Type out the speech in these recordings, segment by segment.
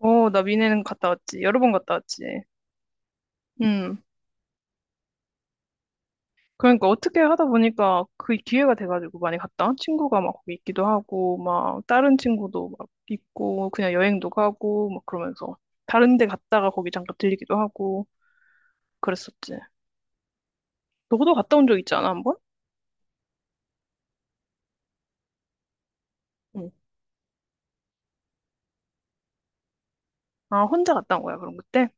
어, 나 미네는 갔다 왔지. 여러 번 갔다 왔지. 음. 그러니까 어떻게 하다 보니까 그 기회가 돼가지고 많이 갔다. 친구가 막 거기 있기도 하고, 막 다른 친구도 막 있고, 그냥 여행도 가고, 막 그러면서 다른 데 갔다가 거기 잠깐 들리기도 하고, 그랬었지. 너도 갔다 온 적 있지 않아, 한 번? 응. 아, 혼자 갔다 온 거야, 그럼 그때?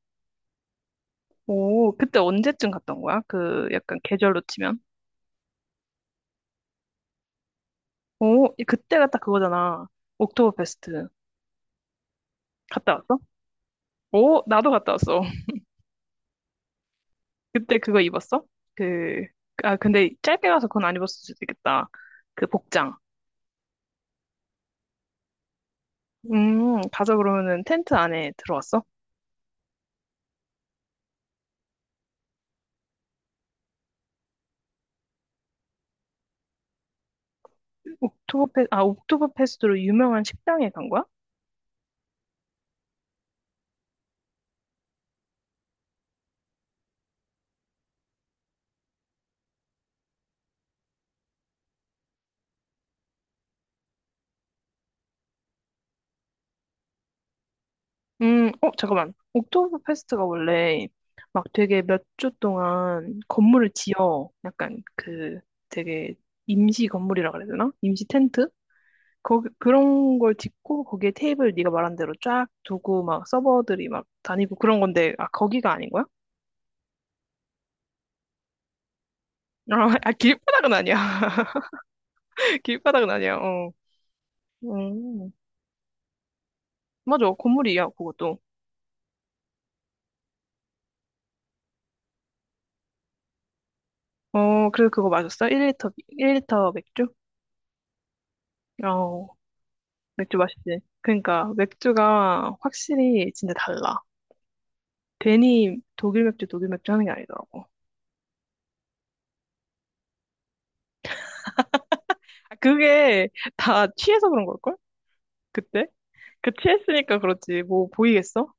오, 그때 언제쯤 갔다 온 거야? 그 약간 계절로 치면. 오, 그때가 딱 그거잖아. 옥토버페스트. 갔다 왔어? 오, 나도 갔다 왔어. 그때 그거 입었어? 그, 아, 근데 짧게 가서 그건 안 입었을 수도 있겠다. 그 복장. 가서 그러면은 텐트 안에 들어왔어? 아, 옥토버페스트로 유명한 식당에 간 거야? 어, 잠깐만. 옥토버페스트가 원래 막 되게 몇 주 동안 건물을 지어. 약간 그 되게 임시 건물이라 그래야 되나? 임시 텐트? 거기, 그런 걸 짓고 거기에 테이블 네가 말한 대로 쫙 두고 막 서버들이 막 다니고 그런 건데, 아, 거기가 아닌 거야? 어, 아, 길바닥은 아니야. 길바닥은 아니야. 어. 음. 맞아. 건물이야, 그것도. 어, 그래서 그거 마셨어? 1리터, 1리터 맥주? 어, 맥주 맛있지. 그러니까, 맥주가 확실히 진짜 달라. 괜히 독일 맥주, 독일 맥주 하는 게 아니더라고. 아, 그게 다 취해서 그런 걸걸? 그때? 그 취했으니까 그렇지. 뭐 보이겠어?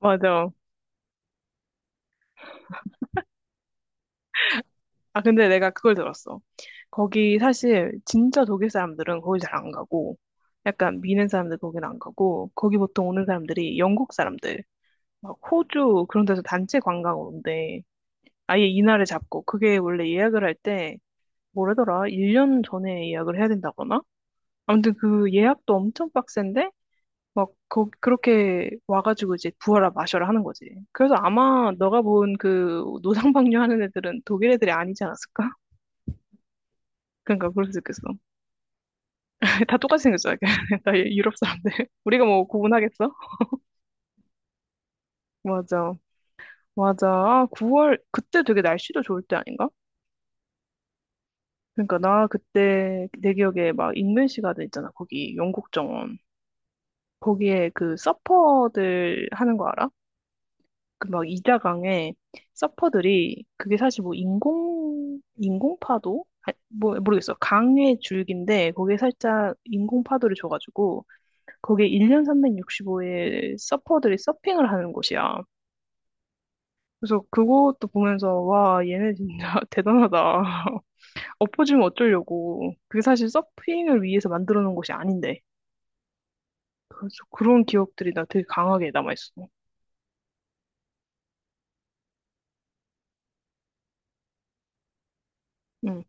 맞아. 아, 근데 내가 그걸 들었어. 거기 사실 진짜 독일 사람들은 거기 잘 안 가고, 약간 미는 사람들 거긴 안 가고, 거기 보통 오는 사람들이 영국 사람들, 막 호주 그런 데서 단체 관광 오는데, 아예 이날을 잡고, 그게 원래 예약을 할 때, 뭐라더라? 1년 전에 예약을 해야 된다거나? 아무튼 그 예약도 엄청 빡센데, 막, 거, 그렇게 와가지고 이제 부어라 마셔라 하는 거지. 그래서 아마 너가 본 그 노상방뇨 하는 애들은 독일 애들이 아니지 않았을까? 그러니까 그럴 수 있겠어. 다 똑같이 생겼잖아. 다 유럽 사람들. 우리가 뭐 구분하겠어? 맞아. 맞아. 아, 9월, 그때 되게 날씨도 좋을 때 아닌가? 그러니까 나 그때 내 기억에 막 인벤시 가든 있잖아. 거기 영국 정원. 거기에 그 서퍼들 하는 거 알아? 그 막 이자강에 서퍼들이 그게 사실 뭐 인공파도? 아, 뭐, 모르겠어. 강의 줄기인데 거기에 살짝 인공파도를 줘가지고 거기에 1년 365일 서퍼들이 서핑을 하는 곳이야. 그래서 그것도 보면서 와, 얘네 진짜 대단하다. 엎어지면 어쩌려고. 그게 사실 서핑을 위해서 만들어 놓은 곳이 아닌데. 그래서 그런 기억들이 나 되게 강하게 남아있어. 응.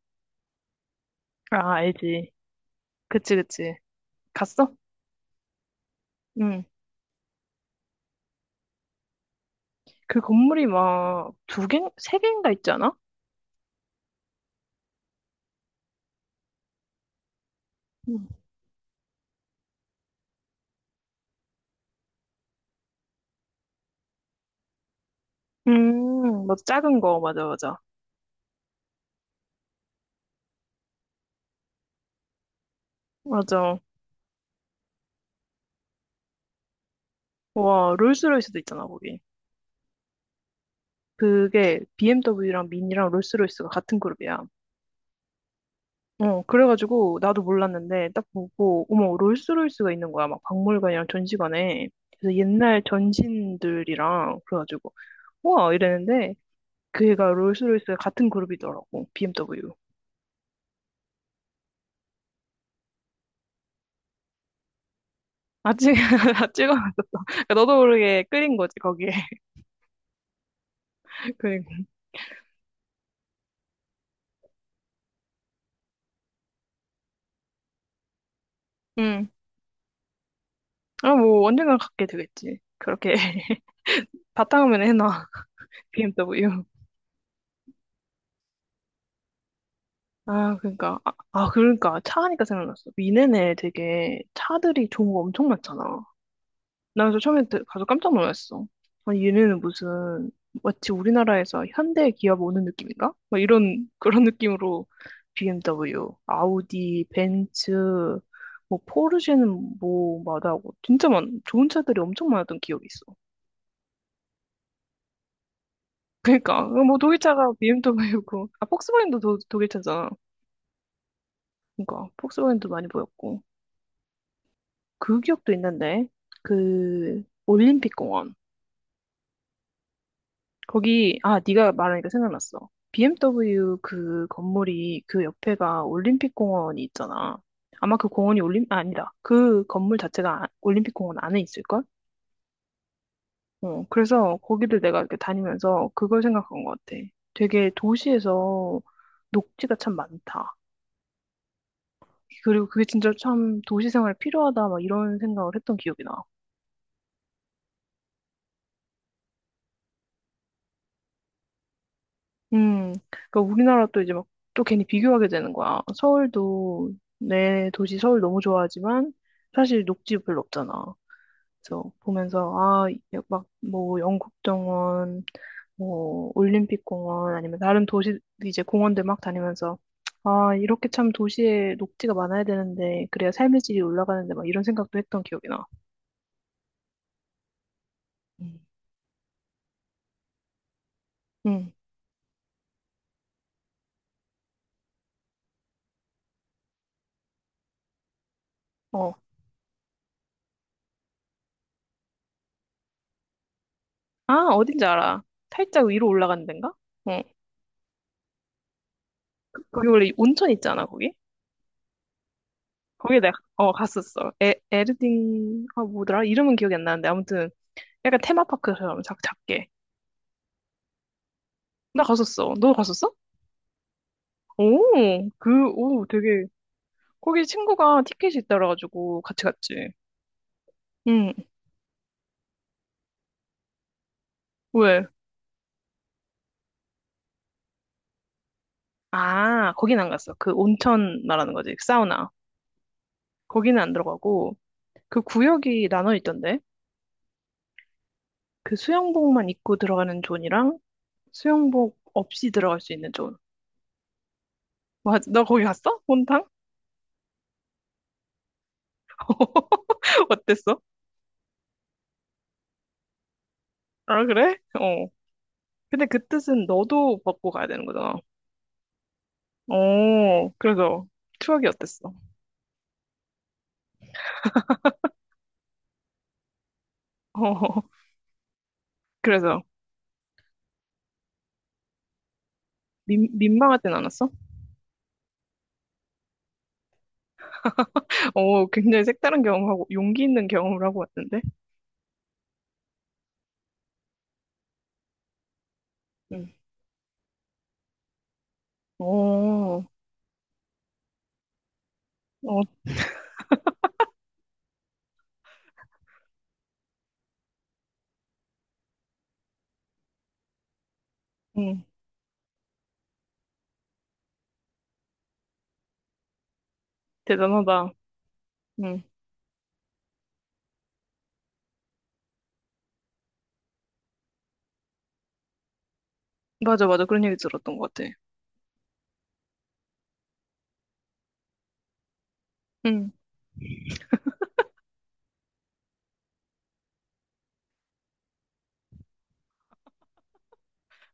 아, 알지. 그치, 그치. 갔어? 응. 그 건물이 막 두 개, 세 개인가 있잖아? 응. 맞아. 작은 거. 맞아, 맞아. 맞아. 와, 롤스로이스도 있잖아, 거기. 그게 BMW랑 미니랑 롤스로이스가 같은 그룹이야. 어, 그래가지고 나도 몰랐는데 딱 보고, 어머, 롤스로이스가 있는 거야. 막 박물관이랑 전시관에 그래서 옛날 전신들이랑 그래가지고, 우와, 이랬는데 그 애가 롤스로이스 같은 그룹이더라고, BMW. 아찍 아직 너도 모르게 끌린 거지 거기에. 그리고 음아뭐 언젠간 갖게 되겠지 그렇게. 바탕화면에 해놔, BMW. 아, 그러니까 아 그러니까 차 하니까 생각났어. 미네네 되게 차들이 좋은 거 엄청 많잖아. 나 그래서 처음에 가서 깜짝 놀랐어. 아니, 얘네는 무슨 마치 우리나라에서 현대 기업 오는 느낌인가? 막 이런 그런 느낌으로 BMW, 아우디, 벤츠, 뭐 포르쉐는 뭐 마다하고 진짜 많 좋은 차들이 엄청 많았던 기억이 있어. 그러니까 뭐 독일차가 BMW고, 아, 폭스바겐도 독일차잖아. 그러니까 폭스바겐도 많이 보였고 그 기억도 있는데, 그 올림픽 공원. 거기, 아, 네가 말하니까 생각났어. BMW 그 건물이 그 옆에가 올림픽공원이 있잖아. 아마 그 공원이 올림 아, 아니다. 그 건물 자체가 올림픽공원 안에 있을걸? 어, 그래서 거기를 내가 이렇게 다니면서 그걸 생각한 것 같아. 되게 도시에서 녹지가 참 많다. 그리고 그게 진짜 참 도시 생활에 필요하다 막 이런 생각을 했던 기억이 나. 그러니까 우리나라 또 이제 막 또 괜히 비교하게 되는 거야. 서울도, 내 도시 서울 너무 좋아하지만 사실 녹지 별로 없잖아. 그래서 보면서 아, 막 뭐 영국정원, 뭐 올림픽공원 아니면 다른 도시 이제 공원들 막 다니면서, 아, 이렇게 참 도시에 녹지가 많아야 되는데 그래야 삶의 질이 올라가는데 막 이런 생각도 했던 기억이 나. 음. 응, 어. 아, 어딘지 알아. 살짝 위로 올라가는 데인가? 응. 거기 원래 온천 있잖아, 거기. 거기 내가 갔었어. 에르딩, 아, 뭐더라? 이름은 기억이 안 나는데 아무튼 약간 테마파크처럼 작 작게. 나 갔었어. 너 갔었어? 오, 그, 오, 되게. 거기 친구가 티켓이 있더라가지고 같이 갔지. 응. 왜? 아, 거긴 안 갔어. 그 온천 말하는 거지. 사우나. 거기는 안 들어가고 그 구역이 나눠 있던데. 그 수영복만 입고 들어가는 존이랑 수영복 없이 들어갈 수 있는 존. 맞아. 너 거기 갔어? 혼탕? 어땠어? 아, 그래? 어. 근데 그 뜻은 너도 먹고 가야 되는 거잖아. 어, 그래서 추억이 어땠어? 어, 그래서 민망하진 않았어? 어, 굉장히 색다른 경험하고 용기 있는 경험을 하고 왔는데. 응. 어, 어, 응. 대단하다. 응. 맞아, 맞아. 그런 얘기 들었던 것 같아. 응.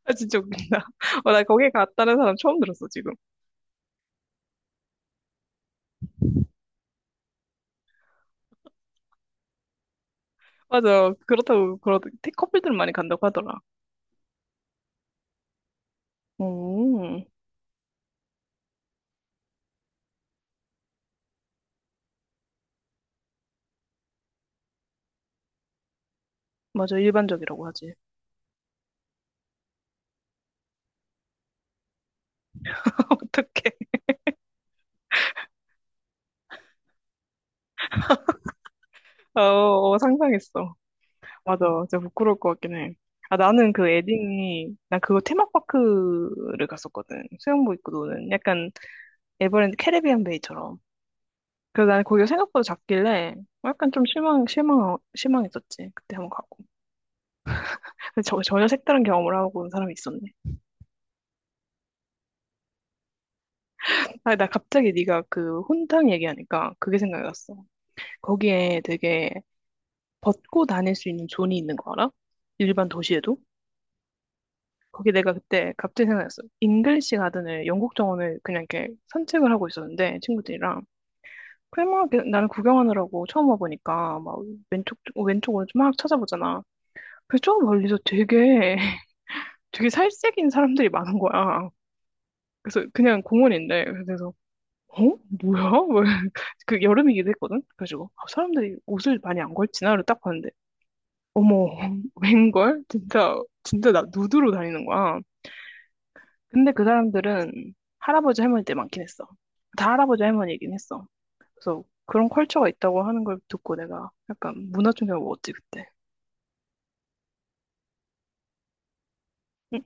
아, 진짜 웃긴다. 어, 나 거기 갔다는 사람 처음 들었어, 지금. 맞아. 그렇다고, 커플들 많이 간다고 하더라. 음, 맞아. 일반적이라고 하지. 어떡해. 어, 어, 상상했어. 맞아. 진짜 부끄러울 것 같긴 해. 아, 나는 나 그거 테마파크를 갔었거든. 수영복 입고 노는. 약간 에버랜드 캐리비안 베이처럼. 그래서 나는 거기가 생각보다 작길래 약간 좀 실망했었지. 그때 한번 가고. 근데 전혀 색다른 경험을 하고 온 사람이 있었네. 아, 나 갑자기 네가 그 혼탕 얘기하니까 그게 생각이 났어. 거기에 되게 벗고 다닐 수 있는 존이 있는 거 알아? 일반 도시에도? 거기 내가 그때 갑자기 생각났어. 잉글리시 가든을, 영국 정원을 그냥 이렇게 산책을 하고 있었는데 친구들이랑 그냥 막 이렇게 나는 구경하느라고 처음 와보니까 막 왼쪽 왼쪽 오른쪽 막 찾아보잖아. 그래서 저 멀리서 되게 되게 살색인 사람들이 많은 거야. 그래서 그냥 공원인데 그래서, 어? 뭐야? 그, 여름이기도 했거든. 그래가지고 아, 사람들이 옷을 많이 안 걸치나? 이러고 딱 봤는데, 어머, 웬걸? 진짜 진짜 나 누드로 다니는 거야. 근데 그 사람들은 할아버지 할머니들 많긴 했어. 다 할아버지 할머니이긴 했어. 그래서 그런 컬처가 있다고 하는 걸 듣고 내가 약간 문화 충격을 먹었지, 그때. 응?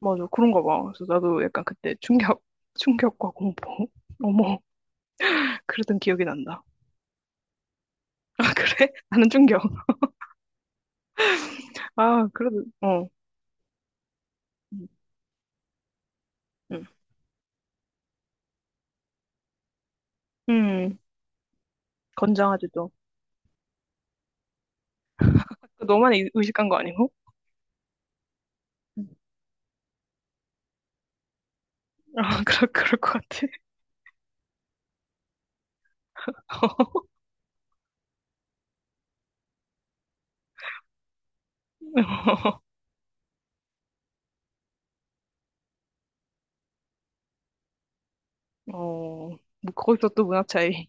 맞아, 그런가 봐. 그래서 나도 약간 그때 충격과 공포. 어머, 그러던 기억이 난다. 아, 그래? 나는 충격. 아, 그래도, 어. 음, 음. 음, 건장하지도. 너만 의식한 거 아니고? 응. 아, 그럴 것 같아. 어, 뭐 거기서 또 문화 차이.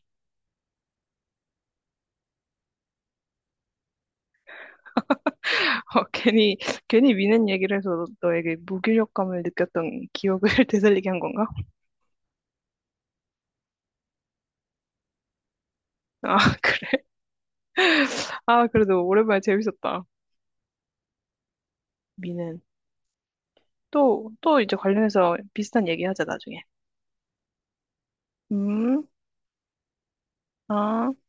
어, 괜히 미는 얘기를 해서 너에게 무기력감을 느꼈던 기억을 되살리게 한 건가? 아, 그래. 아, 그래도 오랜만에 재밌었다. 미는. 또, 또 이제 관련해서 비슷한 얘기 하자, 나중에. 음, 아.